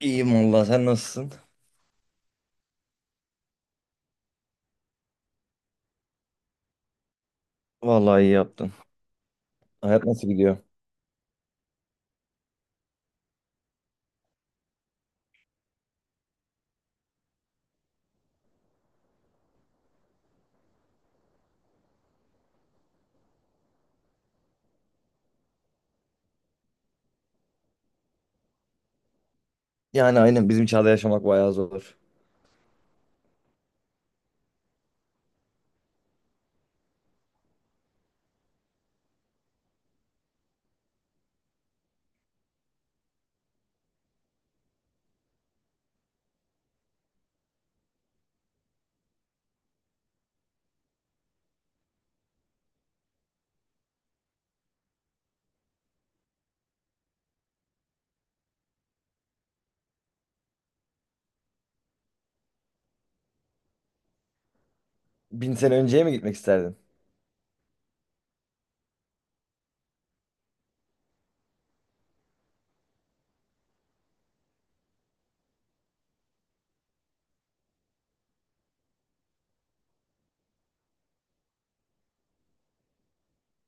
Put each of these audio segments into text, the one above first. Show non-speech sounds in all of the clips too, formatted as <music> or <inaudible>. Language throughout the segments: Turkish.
İyiyim valla sen nasılsın? Vallahi iyi yaptın. Hayat nasıl gidiyor? Yani aynen bizim çağda yaşamak bayağı zor. Bin sene önceye mi gitmek isterdin?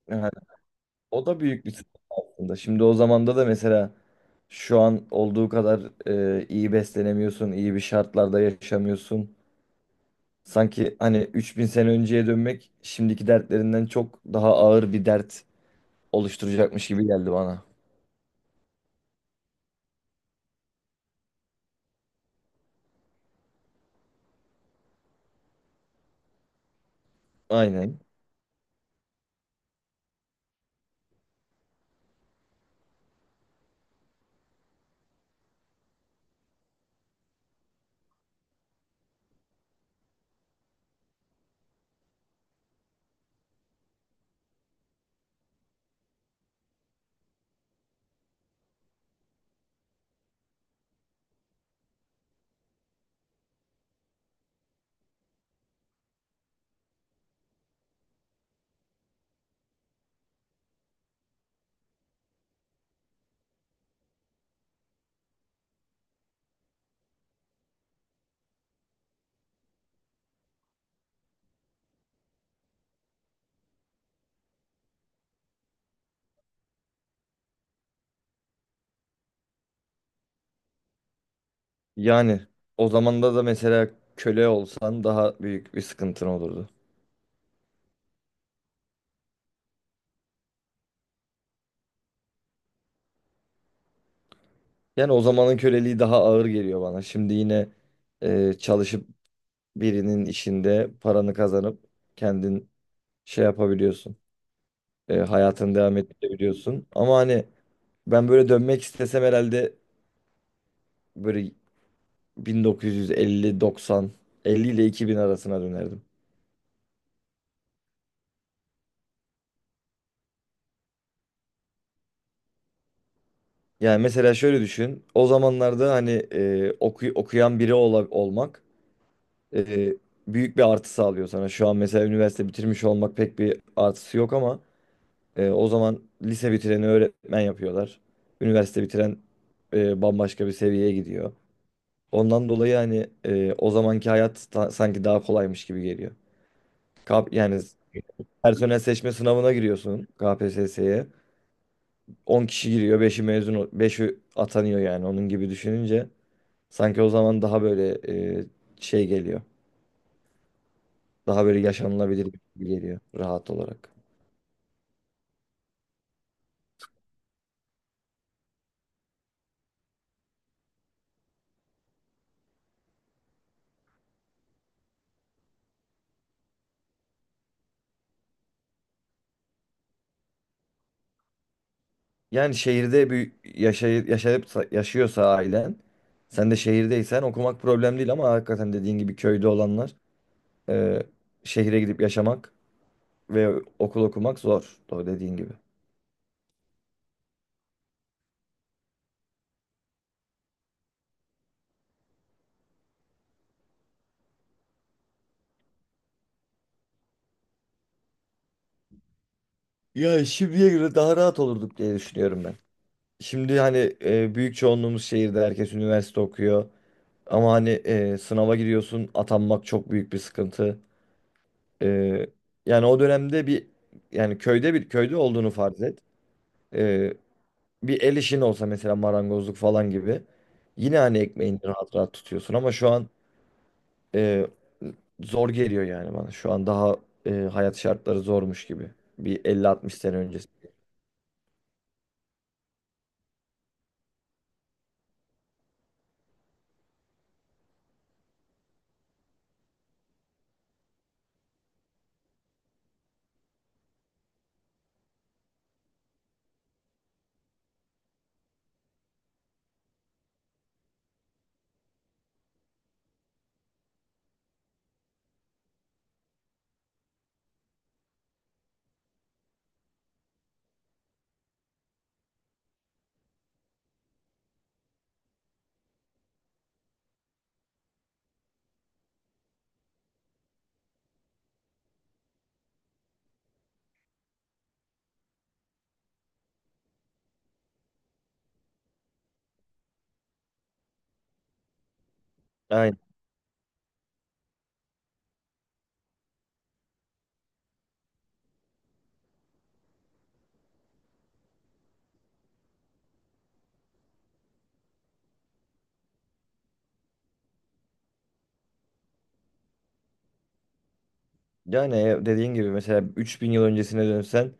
Yani o da büyük bir sıkıntı aslında. Şimdi o zamanda da mesela şu an olduğu kadar iyi beslenemiyorsun, iyi bir şartlarda yaşamıyorsun. Sanki hani 3000 sene önceye dönmek şimdiki dertlerinden çok daha ağır bir dert oluşturacakmış gibi geldi bana. Aynen. Yani o zamanda da mesela köle olsan daha büyük bir sıkıntın olurdu. Yani o zamanın köleliği daha ağır geliyor bana. Şimdi yine çalışıp birinin işinde paranı kazanıp kendin şey yapabiliyorsun. Hayatını devam ettirebiliyorsun. Ama hani ben böyle dönmek istesem herhalde böyle 1950, 90, 50 ile 2000 arasına dönerdim. Yani mesela şöyle düşün. O zamanlarda hani okuyan biri olmak e, büyük bir artı sağlıyor sana. Şu an mesela üniversite bitirmiş olmak pek bir artısı yok ama o zaman lise bitireni öğretmen yapıyorlar. Üniversite bitiren bambaşka bir seviyeye gidiyor. Ondan dolayı hani o zamanki hayat sanki daha kolaymış gibi geliyor. Yani personel seçme sınavına giriyorsun KPSS'ye. 10 kişi giriyor, 5'i mezun, 5'i atanıyor yani onun gibi düşününce sanki o zaman daha böyle e, şey geliyor. Daha böyle yaşanılabilir gibi geliyor rahat olarak. Yani şehirde bir yaşayıp yaşıyorsa ailen, sen de şehirdeysen okumak problem değil ama hakikaten dediğin gibi köyde olanlar e, şehire gidip yaşamak ve okul okumak zor. Doğru dediğin gibi. Ya şimdiye göre daha rahat olurduk diye düşünüyorum ben. Şimdi hani büyük çoğunluğumuz şehirde herkes üniversite okuyor. Ama hani sınava giriyorsun atanmak çok büyük bir sıkıntı. Ee, Yani o dönemde bir köyde olduğunu farz et. Ee, Bir el işin olsa mesela marangozluk falan gibi. Yine hani ekmeğini rahat rahat tutuyorsun ama şu an e, zor geliyor yani bana. Şu an daha hayat şartları zormuş gibi. Bir elli altmış sene öncesi. Aynen. Yani dediğin gibi mesela 3000 yıl öncesine dönsen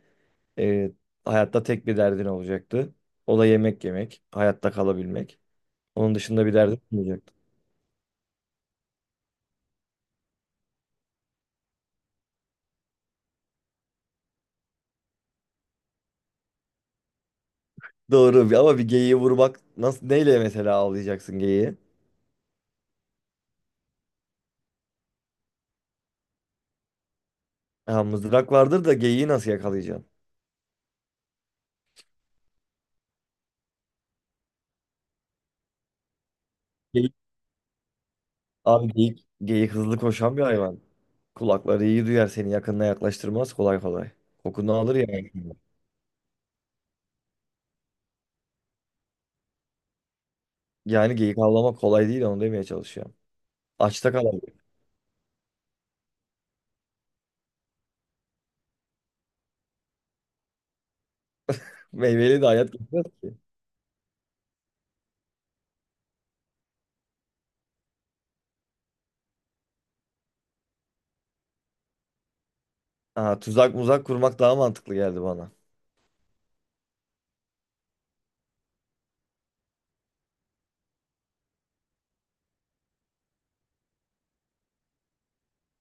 e, hayatta tek bir derdin olacaktı. O da yemek yemek, hayatta kalabilmek. Onun dışında bir derdin olmayacak. Doğru ama bir geyiği vurmak nasıl neyle mesela avlayacaksın geyiği? Ha, mızrak vardır da geyiği nasıl yakalayacaksın? Geyik. Abi geyik, geyik hızlı koşan bir hayvan. Kulakları iyi duyar seni yakınına yaklaştırmaz kolay kolay. Kokunu alır yani. Yani geyik avlamak kolay değil onu demeye çalışıyorum. Açta kalabilir. Meyveli de hayat geçmez ki. Ha, tuzak muzak kurmak daha mantıklı geldi bana.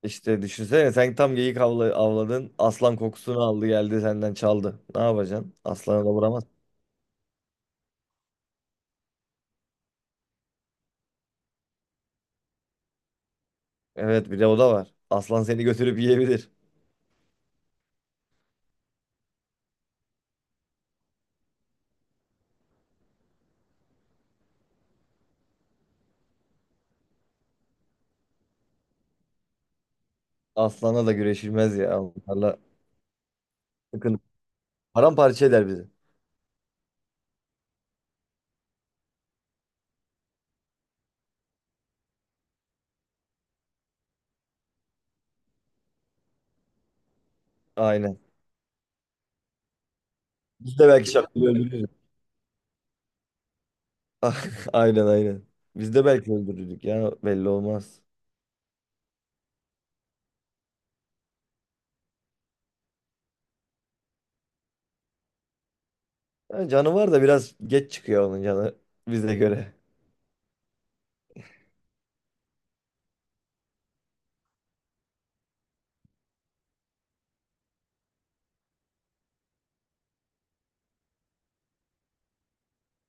İşte düşünsene sen tam geyik avladın. Aslan kokusunu aldı geldi senden çaldı. Ne yapacaksın? Aslanı da vuramazsın. Evet bir de o da var. Aslan seni götürüp yiyebilir. Aslanla da güreşilmez ya. Onlarla sıkıntı. Paramparça eder bizi. Aynen. Biz de belki şakayı öldürürüz. Ah, <laughs> aynen aynen. Biz de belki öldürürdük ya belli olmaz. Yani canı var da biraz geç çıkıyor onun canı bize göre.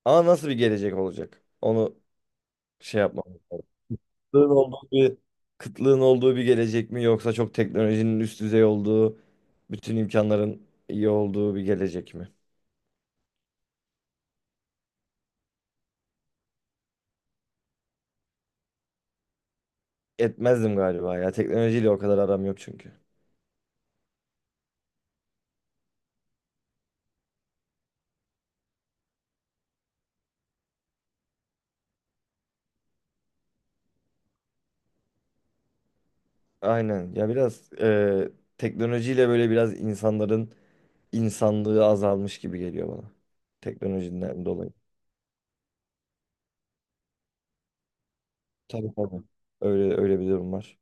Ama nasıl bir gelecek olacak? Onu şey yapmamız lazım. Kıtlığın olduğu bir, kıtlığın olduğu bir gelecek mi yoksa çok teknolojinin üst düzey olduğu, bütün imkanların iyi olduğu bir gelecek mi? Etmezdim galiba ya. Teknolojiyle o kadar aram yok çünkü. Aynen. Ya biraz teknolojiyle böyle biraz insanların insanlığı azalmış gibi geliyor bana. Teknolojiden dolayı. Tabii tabii. Öyle öyle bir durum var.